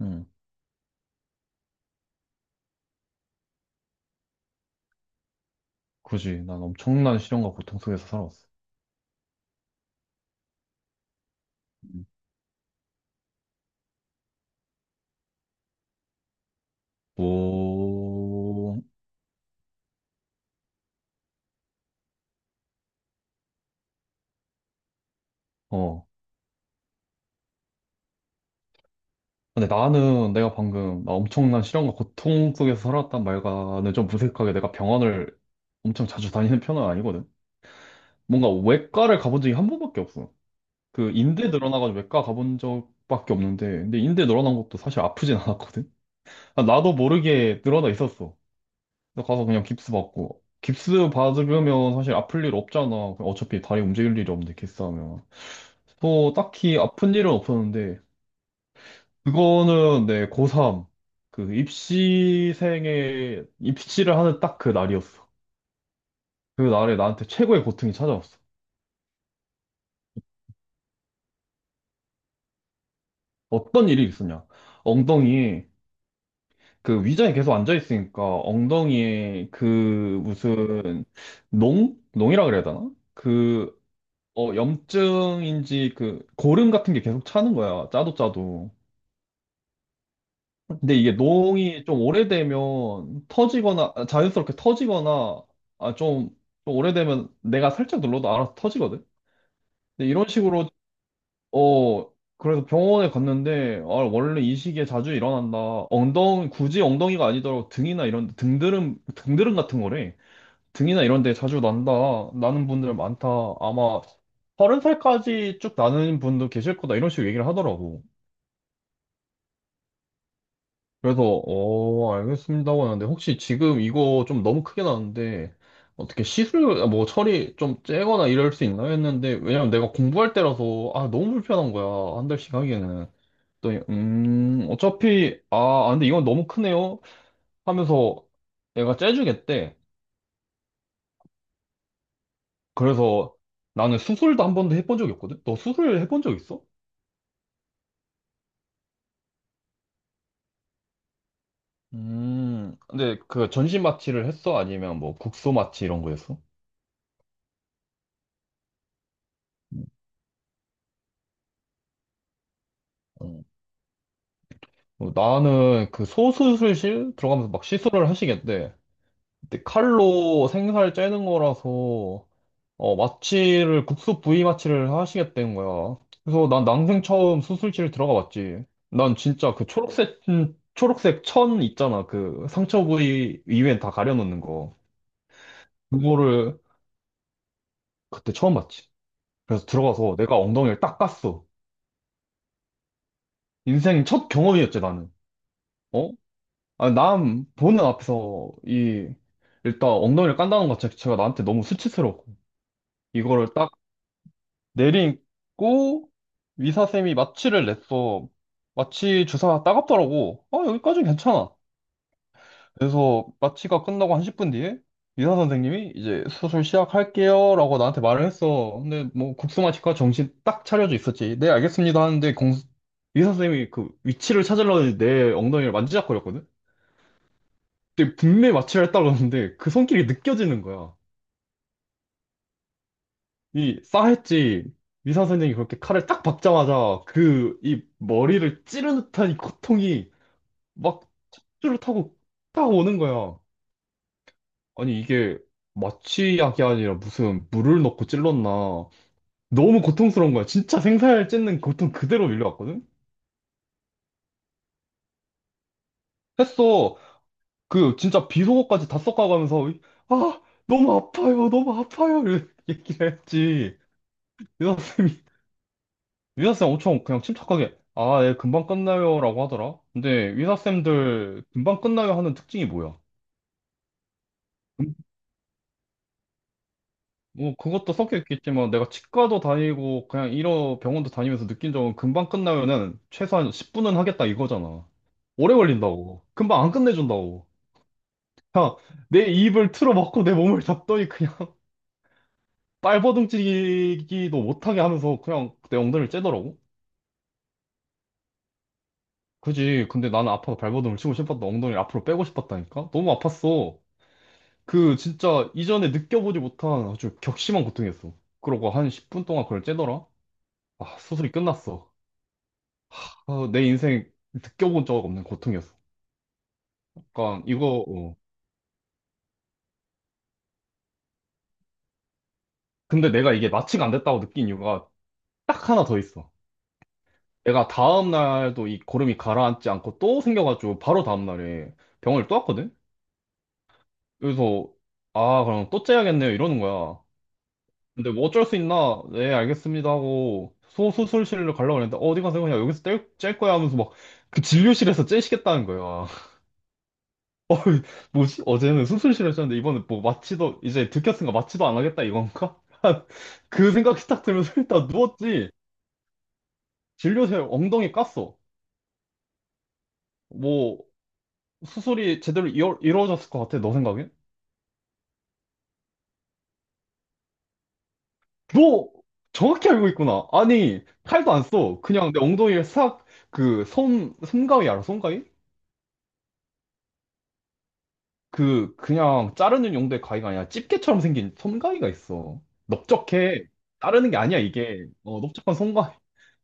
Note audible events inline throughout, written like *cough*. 응. 굳이 난 엄청난 시련과 고통 속에서 살아왔어. 음. 뭐, 어. 근데 나는 내가 방금 나 엄청난 시련과 고통 속에서 살았단 말과는 좀 무색하게 내가 병원을 엄청 자주 다니는 편은 아니거든. 뭔가 외과를 가본 적이 한 번밖에 없어. 그 인대 늘어나가지고 외과 가본 적밖에 없는데, 근데 인대 늘어난 것도 사실 아프진 않았거든. 아, 나도 모르게 늘어나 있었어. 그래서 가서 그냥 깁스 받고. 깁스 받으면 사실 아플 일 없잖아. 그냥 어차피 다리 움직일 일이 없는데, 깁스하면. 또 딱히 아픈 일은 없었는데, 그거는 내 고3, 그 입시생의, 입시를 하는 딱 그 날이었어. 그 날에 나한테 최고의 고통이 찾아왔어. 어떤 일이 있었냐. 엉덩이에, 그 의자에 계속 앉아있으니까 엉덩이에 그 무슨 농? 농이라 그래야 되나? 그 어, 염증인지 그 고름 같은 게 계속 차는 거야. 짜도 짜도. 근데 이게 농이 좀 오래되면 터지거나 아, 자연스럽게 터지거나 아, 좀 오래되면 내가 살짝 눌러도 알아서 터지거든. 근데 이런 식으로 어 그래서 병원에 갔는데 아, 원래 이 시기에 자주 일어난다. 엉덩이 굳이 엉덩이가 아니더라도 등이나 이런 등드름 등드름 같은 거래. 등이나 이런 데 자주 난다. 나는 분들 많다. 아마 서른 살까지 쭉 나는 분도 계실 거다. 이런 식으로 얘기를 하더라고. 그래서, 어, 알겠습니다. 하고 하는데, 혹시 지금 이거 좀 너무 크게 나는데, 어떻게 시술, 아, 뭐, 처리 좀 째거나 이럴 수 있나 했는데, 왜냐면 내가 공부할 때라서, 아, 너무 불편한 거야. 한 달씩 하기에는. 또, 어차피, 근데 이건 너무 크네요. 하면서 얘가 째주겠대. 그래서 나는 수술도 한 번도 해본 적이 없거든? 너 수술 해본 적 있어? 근데 그 전신 마취를 했어? 아니면 뭐 국소 마취 이런 거 했어? 어. 어, 나는 그 소수술실 들어가면서 막 시술을 하시겠대. 근데 칼로 생살 째는 거라서 어, 마취를 국소 부위 마취를 하시겠다는 거야. 그래서 난 난생 처음 수술실 들어가 봤지. 난 진짜 그 초록색 초록색 천 있잖아. 그 상처 부위 이외엔 다 가려놓는 거. 그거를 그때 처음 봤지. 그래서 들어가서 내가 엉덩이를 딱 깠어. 인생 첫 경험이었지, 나는. 어? 아, 남 보는 앞에서 이 일단 엉덩이를 깐다는 것 자체가 나한테 너무 수치스럽고 이거를 딱 내리고 의사쌤이 마취를 냈어. 마취 주사 따갑더라고. 아, 여기까지는 괜찮아. 그래서 마취가 끝나고 한 10분 뒤에 의사 선생님이 이제 수술 시작할게요라고 나한테 말을 했어. 근데 뭐 국소마취과 정신 딱 차려져 있었지. 네, 알겠습니다 하는데 공 의사 선생님이 그 위치를 찾으려는내 엉덩이를 만지작거렸거든. 근데 분매 마취를 했다고 하는데 그 손길이 느껴지는 거야. 이 싸했지 의사 선생님이 그렇게 칼을 딱 박자마자 그 이 머리를 찌르는 듯한 이 고통이 막 척추를 타고 딱 오는 거야. 아니 이게 마취약이 아니라 무슨 물을 넣고 찔렀나. 너무 고통스러운 거야. 진짜 생살 찢는 고통 그대로 밀려왔거든? 했어. 그 진짜 비속어까지 다 섞어가면서 아 너무 아파요 너무 아파요 이렇게 얘기를 했지. 의사 선생님이 위사쌤 엄청 그냥 침착하게, 아, 예, 금방 끝나요. 라고 하더라. 근데 위사쌤들 금방 끝나요 하는 특징이 뭐야? 음, 뭐, 그것도 섞여 있겠지만, 내가 치과도 다니고, 그냥 이런 병원도 다니면서 느낀 적은 금방 끝나요는 최소한 10분은 하겠다 이거잖아. 오래 걸린다고. 금방 안 끝내준다고. 그냥 내 입을 틀어막고 내 몸을 잡더니 그냥 *laughs* 발버둥치기도 못하게 하면서 그냥 내 엉덩이를 째더라고. 그지. 근데 나는 아파서 발버둥을 치고 싶었다. 엉덩이를 앞으로 빼고 싶었다니까? 너무 아팠어. 그 진짜 이전에 느껴보지 못한 아주 격심한 고통이었어. 그러고 한 10분 동안 그걸 째더라? 아, 수술이 끝났어. 아, 내 인생 느껴본 적 없는 고통이었어. 그러니까 이거, 어. 근데 내가 이게 마취가 안 됐다고 느낀 이유가 딱 하나 더 있어. 내가 다음 날도 이 고름이 가라앉지 않고 또 생겨가지고 바로 다음 날에 병원을 또 왔거든? 그래서, 아, 그럼 또 째야겠네요. 이러는 거야. 근데 뭐 어쩔 수 있나? 네, 알겠습니다 하고 소수술실로 가려고 했는데 어디 가서 그냥 여기서 뗄 거야 하면서 막 그 진료실에서 째시겠다는 거야. *laughs* 뭐지? 어제는 수술실에서 쪘는데 이번에 뭐 마취도 이제 들켰으니까 마취도 안 하겠다 이건가? *laughs* 그 생각이 딱 들면서 일단 누웠지. 진료실 엉덩이 깠어. 뭐 수술이 제대로 이루어졌을 것 같아 너 생각엔? 너 정확히 알고 있구나. 아니 칼도 안 써. 그냥 내 엉덩이에 싹 그손 솜가위 알아? 솜가위? 그 그냥 자르는 용도의 가위가 아니라 집게처럼 생긴 손가위가 있어. 넓적해. 자르는 게 아니야 이게. 어, 넓적한 손가위.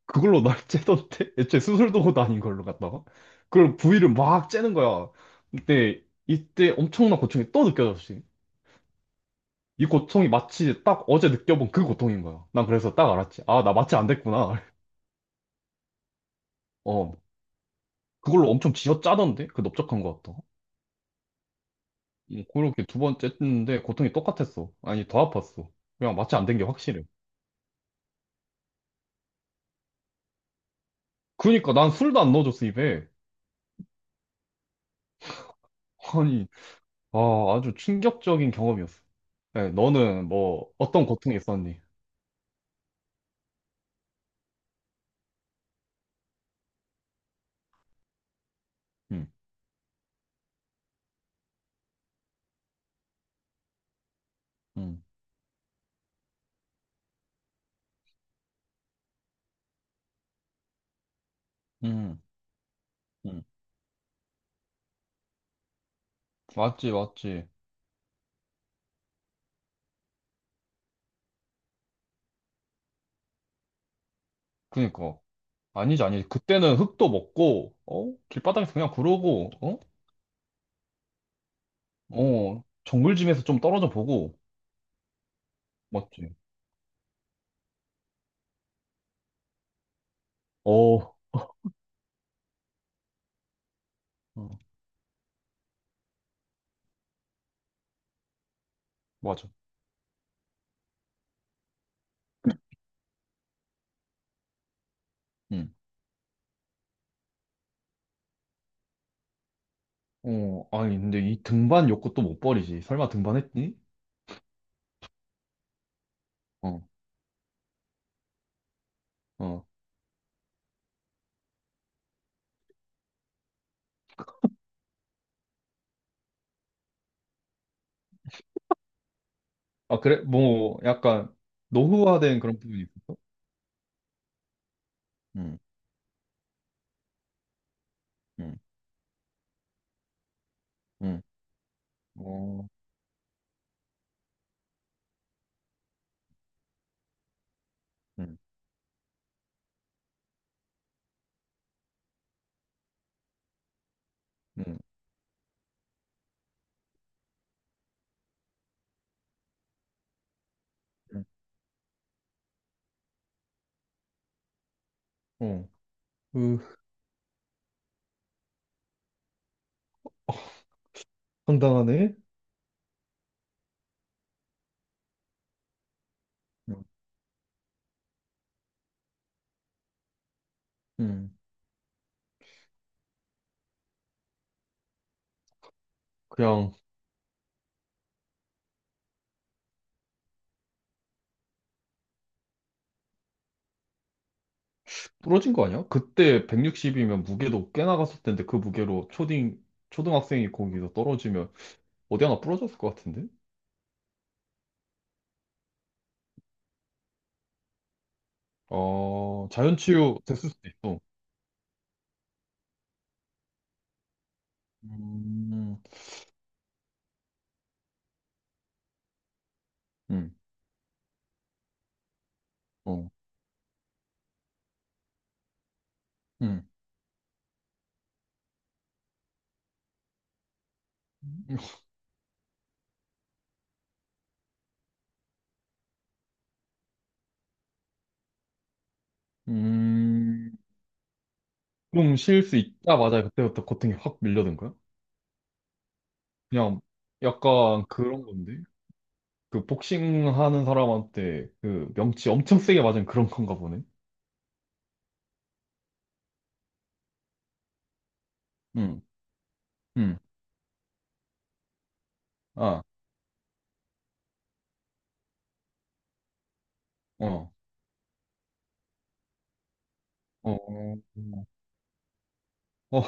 그걸로 날 *laughs* 째던데. 애초에 수술 도구도 아닌 걸로 갖다가. 그걸 부위를 막 째는 거야. 근데 이때 엄청난 고통이 또 느껴졌지. 이 고통이 마치 딱 어제 느껴본 그 고통인 거야. 난 그래서 딱 알았지. 아, 나 마취 안 됐구나. *laughs* 어, 그걸로 엄청 쥐어짜던데? 그 넓적한 거 같다. 그렇게 두 번 쨌는데 고통이 똑같았어. 아니, 더 아팠어. 그냥 마취 안 된 게 확실해. 그니까 난 술도 안 넣어줬어 입에. 아니, 아 아주 충격적인 경험이었어. 네, 너는 뭐 어떤 고통이 있었니? 응, 응, 응, 응. 맞지, 맞지. 그니까 아니지, 아니지. 그때는 흙도 먹고, 어 길바닥에서 그냥 구르고, 어, 어 정글짐에서 좀 떨어져 보고, 맞지. 어, 어, 맞아. 응. 어, 아니 근데 이 등반 욕구 또 못 버리지. 설마 등반했니? 어, 어. 아 그래, 뭐 약간 노후화된 그런 부분이 있었어? 응. 응. 음, 어, 음, 음, 음, 어, 그 황당하네. 음, 음. 그냥 부러진 거 아니야? 그때 160이면 무게도 꽤 나갔을 텐데 그 무게로 초딩, 초등학생이 거기서 떨어지면 어디 하나 부러졌을 것 같은데? 어, 자연치유 됐을 수도 있어. 음, 음, 어, 음, 음, 좀 쉴 수 있자마자 그때부터 고통이 확 밀려든 거야? 그냥 약간 그런 건데? 그 복싱 하는 사람한테 그 명치 엄청 세게 맞은 그런 건가 보네. 응, 응, 아, 어, 어, 어, 어,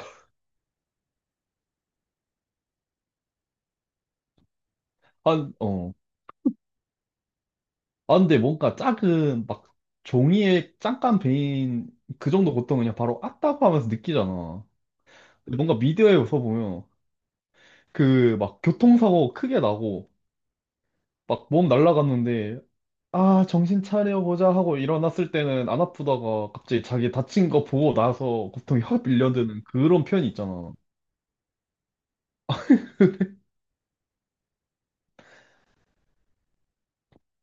한, 어. 아, 근데 뭔가 작은 막 종이에 잠깐 베인 그 정도 고통은 그냥 바로 아따고 하면서 느끼잖아. 근데 뭔가 미디어에서 보면 그 막 교통사고 크게 나고 막 몸 날라갔는데 아, 정신 차려보자 하고 일어났을 때는 안 아프다가 갑자기 자기 다친 거 보고 나서 고통이 확 밀려드는 그런 편이 있잖아.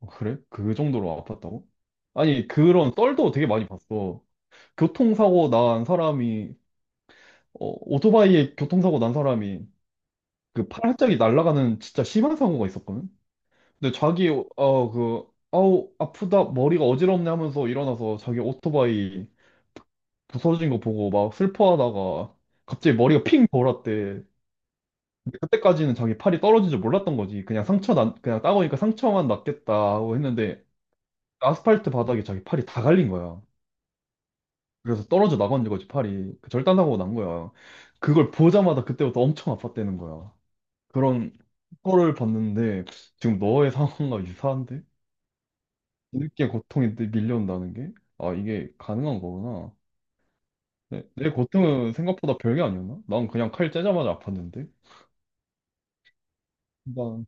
어, 그래? 그 정도로 아팠다고? 아니, 그런 썰도 되게 많이 봤어. 교통사고 난 사람이, 어, 오토바이에 교통사고 난 사람이 그 팔짝이 날아가는 진짜 심한 사고가 있었거든? 근데 자기, 어, 그, 아우, 아프다, 머리가 어지럽네 하면서 일어나서 자기 오토바이 부서진 거 보고 막 슬퍼하다가 갑자기 머리가 핑 돌았대. 근데 그때까지는 자기 팔이 떨어진 줄 몰랐던 거지. 그냥 상처 난, 그냥 따보니까 상처만 났겠다 하고 했는데 아스팔트 바닥에 자기 팔이 다 갈린 거야. 그래서 떨어져 나간 거지, 팔이. 그 절단사고 난 거야. 그걸 보자마자 그때부터 엄청 아팠다는 거야. 그런 거를 봤는데, 지금 너의 상황과 유사한데? 뒤늦게 고통이 또 밀려온다는 게? 아, 이게 가능한 거구나. 내 고통은 생각보다 별게 아니었나? 난 그냥 칼 째자마자 아팠는데? 난,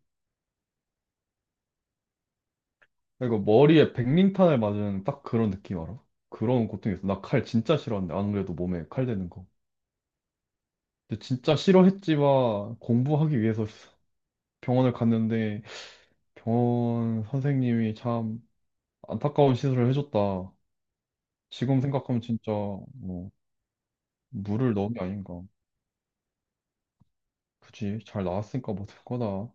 그리고 머리에 백린탄을 맞은 딱 그런 느낌 알아? 그런 고통이 있어. 나 칼 진짜 싫어하는데, 안 그래도 몸에 칼 대는 거. 근데 진짜 싫어했지만 공부하기 위해서 병원을 갔는데 병원 선생님이 참 안타까운 시술을 해줬다. 지금 생각하면 진짜 뭐 물을 넣은 게 아닌가. 그치? 잘 나왔으니까 뭐 될 거다.